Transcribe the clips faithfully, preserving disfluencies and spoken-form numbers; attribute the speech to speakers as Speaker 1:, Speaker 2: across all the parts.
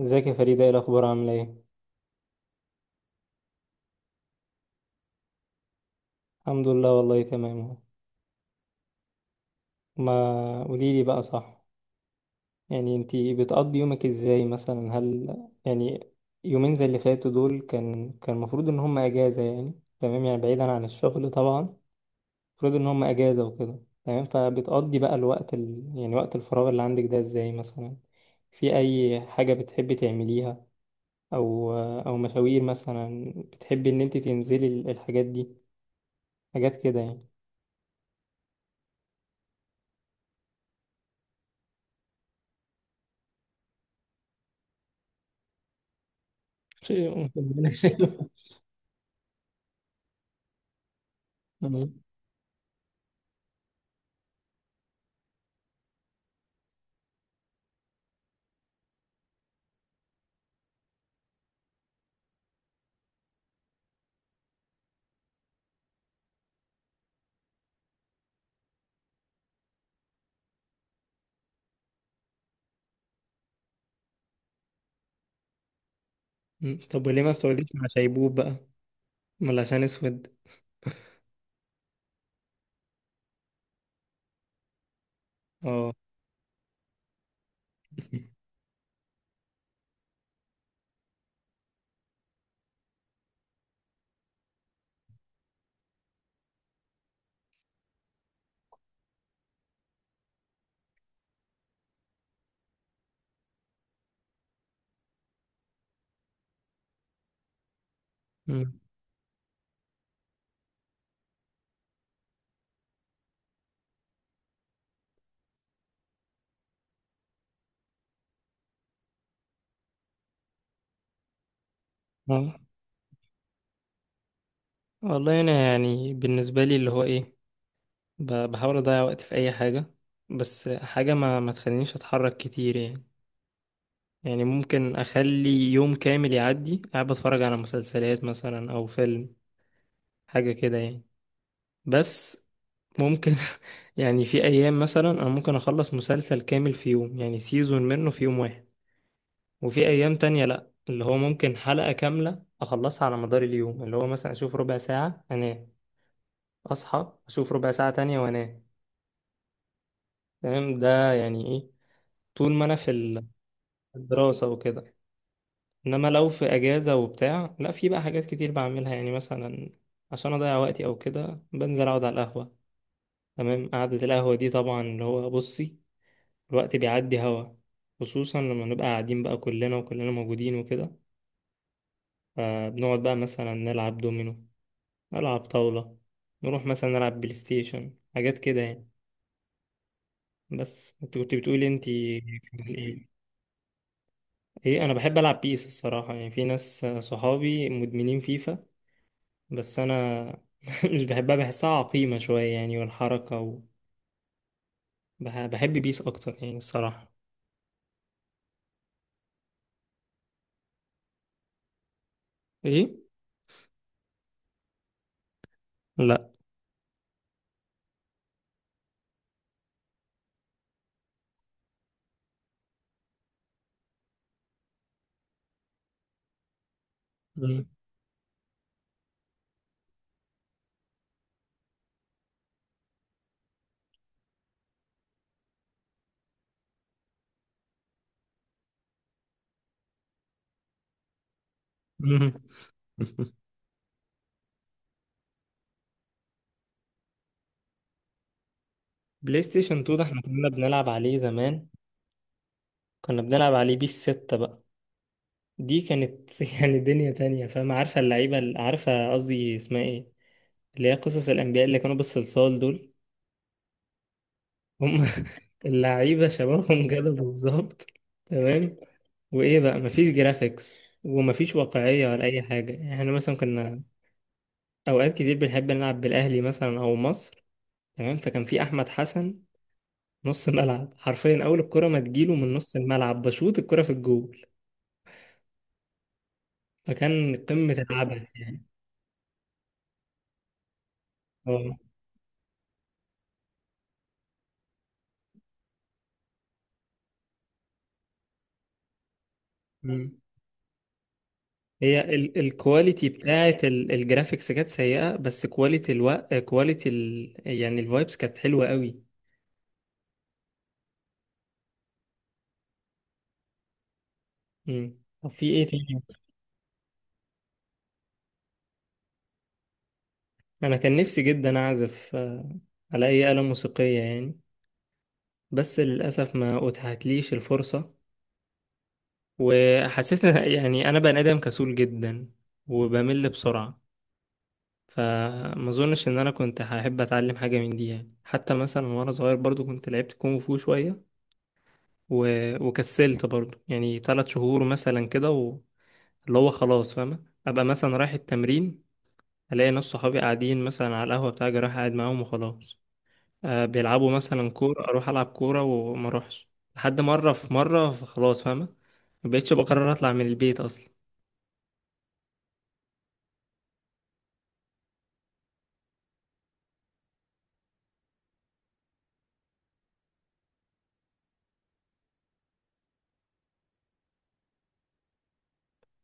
Speaker 1: ازيك يا فريدة، ايه الأخبار؟ عاملة ايه؟ الحمد لله والله تمام اهو. ما قوليلي بقى. صح، يعني انتي بتقضي يومك ازاي مثلا؟ هل يعني يومين زي اللي فاتوا دول كان كان المفروض ان هم اجازة، يعني تمام، يعني بعيدا عن الشغل طبعا. المفروض ان هم اجازة وكده. تمام، فبتقضي بقى الوقت ال... يعني وقت الفراغ اللي عندك ده ازاي مثلا؟ في اي حاجة بتحبي تعمليها، او او مشاوير مثلا بتحبي ان انتي تنزلي ال- الحاجات دي، حاجات كده يعني. مم. مم. طب وليه ما بتقعديش مع شيبوب بقى؟ ولا عشان اسود؟ اه. مم. اه، والله انا يعني بالنسبه لي اللي هو ايه، ب- بحاول اضيع وقت في اي حاجه، بس حاجه ما ما تخلينيش اتحرك كتير يعني. يعني ممكن اخلي يوم كامل يعدي قاعد بتفرج على مسلسلات مثلا او فيلم، حاجه كده يعني. بس ممكن يعني في ايام مثلا انا ممكن اخلص مسلسل كامل في يوم، يعني سيزون منه في يوم واحد. وفي ايام تانية لا، اللي هو ممكن حلقة كاملة اخلصها على مدار اليوم، اللي هو مثلا اشوف ربع ساعة انام، اصحى اشوف ربع ساعة تانية وانام. تمام، ده يعني ايه طول ما انا في ال- الدراسة وكده. انما لو في اجازة وبتاع، لا في بقى حاجات كتير بعملها يعني، مثلا عشان اضيع وقتي او كده بنزل اقعد على القهوة. تمام، قعدة القهوة دي طبعا اللي هو بصي، الوقت بيعدي هوا، خصوصا لما نبقى قاعدين بقى كلنا وكلنا موجودين وكده. فبنقعد بقى مثلا نلعب دومينو، ألعب طاولة، نروح مثلا نلعب بلاي ستيشن، حاجات كده يعني. بس انت كنت بتقولي انت كمان ايه؟ ايه، انا بحب العب بيس الصراحة، يعني في ناس صحابي مدمنين فيفا بس انا مش بحبها، بحسها عقيمة شوية يعني، والحركة و... بح- بحب بيس اكتر يعني الصراحة. ايه. لا. مم. مم. بلاي ستيشن اتنين ده احنا كنا بنلعب عليه زمان، كنا بنلعب عليه بيس ستة بقى. دي كانت يعني دنيا تانية، فاهم؟ عارفة اللعيبة؟ عارفة قصدي اسمها ايه، اللي هي قصص الأنبياء اللي كانوا بالصلصال دول، هم اللعيبة شبابهم كده بالظبط. تمام. وإيه بقى، مفيش جرافيكس ومفيش واقعية ولا أي حاجة. إحنا مثلا كنا أوقات كتير بنحب نلعب بالأهلي مثلا أو مصر. تمام، فكان في أحمد حسن نص ملعب حرفيا، أول الكرة ما تجيله من نص الملعب بشوط الكرة في الجول، فكان قمة العبث يعني. اه، هي ال الكواليتي بتاعت ال- الجرافيكس كانت سيئة، بس كواليتي الوقت، كواليتي ال يعني الفايبس كانت حلوة قوي. مم. طب في ايه تاني؟ انا كان نفسي جدا اعزف آه، على اي آلة موسيقية يعني، بس للأسف ما اتاحتليش الفرصة. وحسيت إن- يعني انا بني ادم كسول جدا وبمل بسرعة، فما اظنش ان انا كنت هحب اتعلم حاجة من دي يعني. حتى مثلا وانا صغير برضو كنت لعبت كونغ فو شوية و... وكسلت برضو، يعني ثلاث شهور مثلا كده و... اللي هو خلاص، فاهمة، أبقى مثلا رايح التمرين، ألاقي ناس صحابي قاعدين مثلا على القهوة بتاعي، رايح قاعد معاهم وخلاص. أه بيلعبوا مثلا كورة، أروح ألعب كورة وما أروحش. لحد مرة في مرة خلاص، فاهمة، مبقتش بقرر أطلع من البيت أصلا.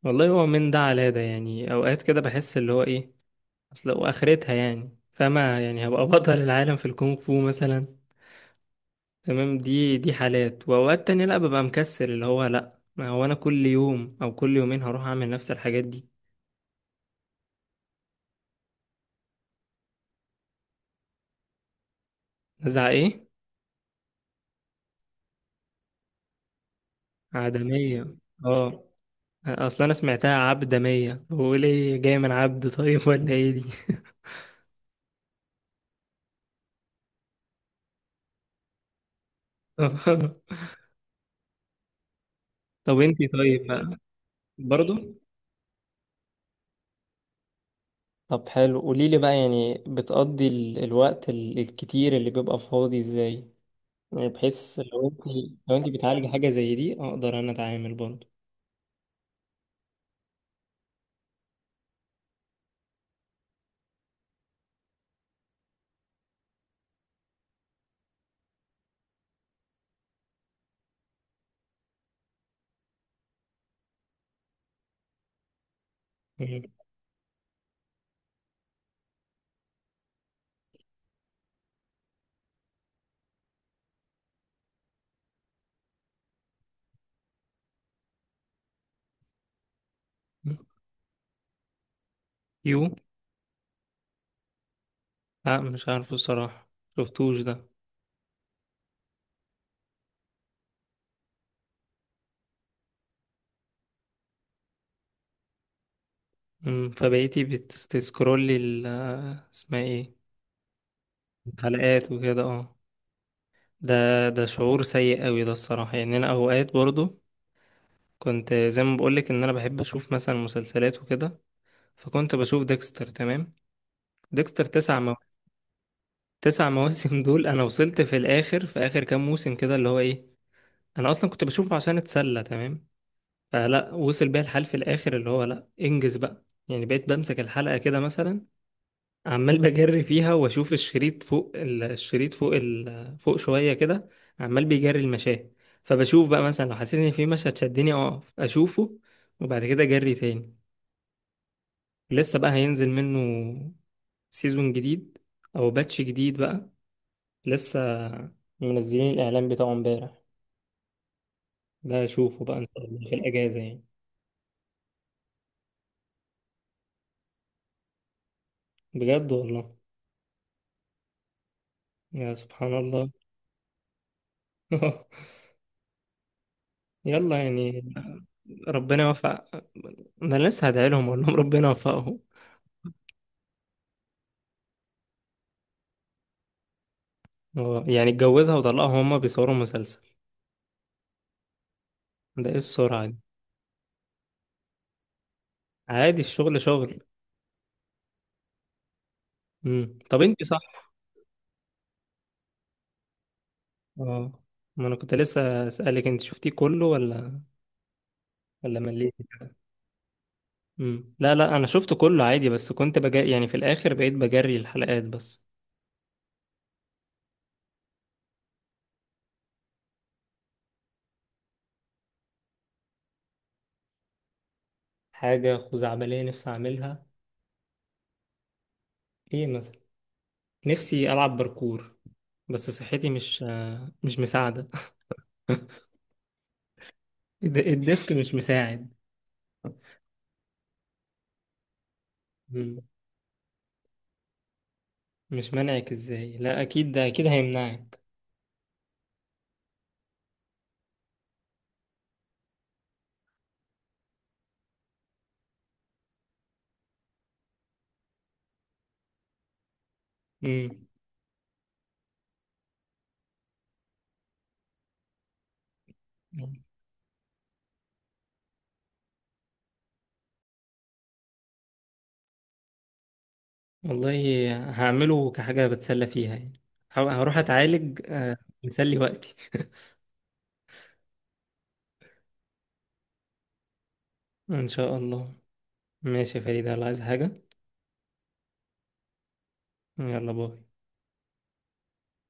Speaker 1: والله هو من ده على ده يعني، أوقات كده بحس اللي هو إيه أصل وآخرتها، يعني فاهمة يعني هبقى بطل العالم في الكونغ فو مثلا؟ تمام، دي دي حالات. واوقات تانية لا ببقى مكسل، اللي هو لا ما هو انا كل يوم او كل يومين هروح اعمل نفس الحاجات دي. نزعة ايه؟ عدمية؟ اه، اصلا انا سمعتها عبدمية، بقول ايه جاي من عبد؟ طيب ولا ايه دي؟ طب انتي طيب بقى برضو؟ طب حلو، قوليلي بقى، يعني بتقضي ال- الوقت ال- الكتير اللي بيبقى فاضي ازاي؟ يعني بحيث لو انت، لو انت بتعالجي حاجة زي دي اقدر انا اتعامل برضو. مم. يو؟ لا، مش عارفه الصراحة، شفتوش ده. مم، فبقيتي بتسكرولي ال اسمها ايه، الحلقات وكده، اه. ده ده شعور سيء قوي ده الصراحة. يعني انا اوقات برضو كنت زي ما بقولك ان انا بحب اشوف مثلا مسلسلات وكده، فكنت بشوف ديكستر. تمام، ديكستر تسع مو... تسع مواسم دول. انا وصلت في الاخر، في اخر كام موسم كده اللي هو ايه، انا اصلا كنت بشوفه عشان اتسلى. تمام، فلا وصل بيا الحال في الاخر اللي هو لا انجز بقى، يعني بقيت بمسك الحلقة كده مثلا عمال بجري فيها، واشوف الشريط فوق ال- الشريط فوق ال... فوق شويه كده، عمال بيجري المشاه. فبشوف بقى مثلا لو حسيت ان في مشهد شدني اقف اشوفه، وبعد كده اجري تاني. لسه بقى هينزل منه سيزون جديد او باتش جديد بقى، لسه منزلين الاعلان بتاعه امبارح، ده اشوفه بقى ان شاء الله في الاجازه يعني. بجد والله؟ يا سبحان الله. يلا يعني، ربنا يوفق. انا لسه هدعي لهم، اقول لهم ربنا يوفقهم. اه، يعني اتجوزها وطلقها وهما بيصوروا مسلسل؟ ده ايه السرعة دي! عادي، الشغل شغل. امم طب انت، صح. اه، ما انا كنت لسه اسالك انت شفتيه كله ولا ولا مليتي. امم لا لا، انا شفته كله عادي، بس كنت بجري يعني في الاخر، بقيت بجري الحلقات بس. حاجة خزعبلية نفسي اعملها؟ ايه مثلا؟ نفسي العب باركور، بس صحتي مش آه، مش مساعدة. الد- الديسك مش مساعد. مم. مش منعك ازاي؟ لا اكيد، ده اكيد هيمنعك. مم. والله هعمله كحاجة بتسلى فيها يعني، ه- هروح أتعالج آه، مسلي وقتي. إن شاء الله. ماشي يا فريدة، يلا. عايز حاجة؟ يلا، باي.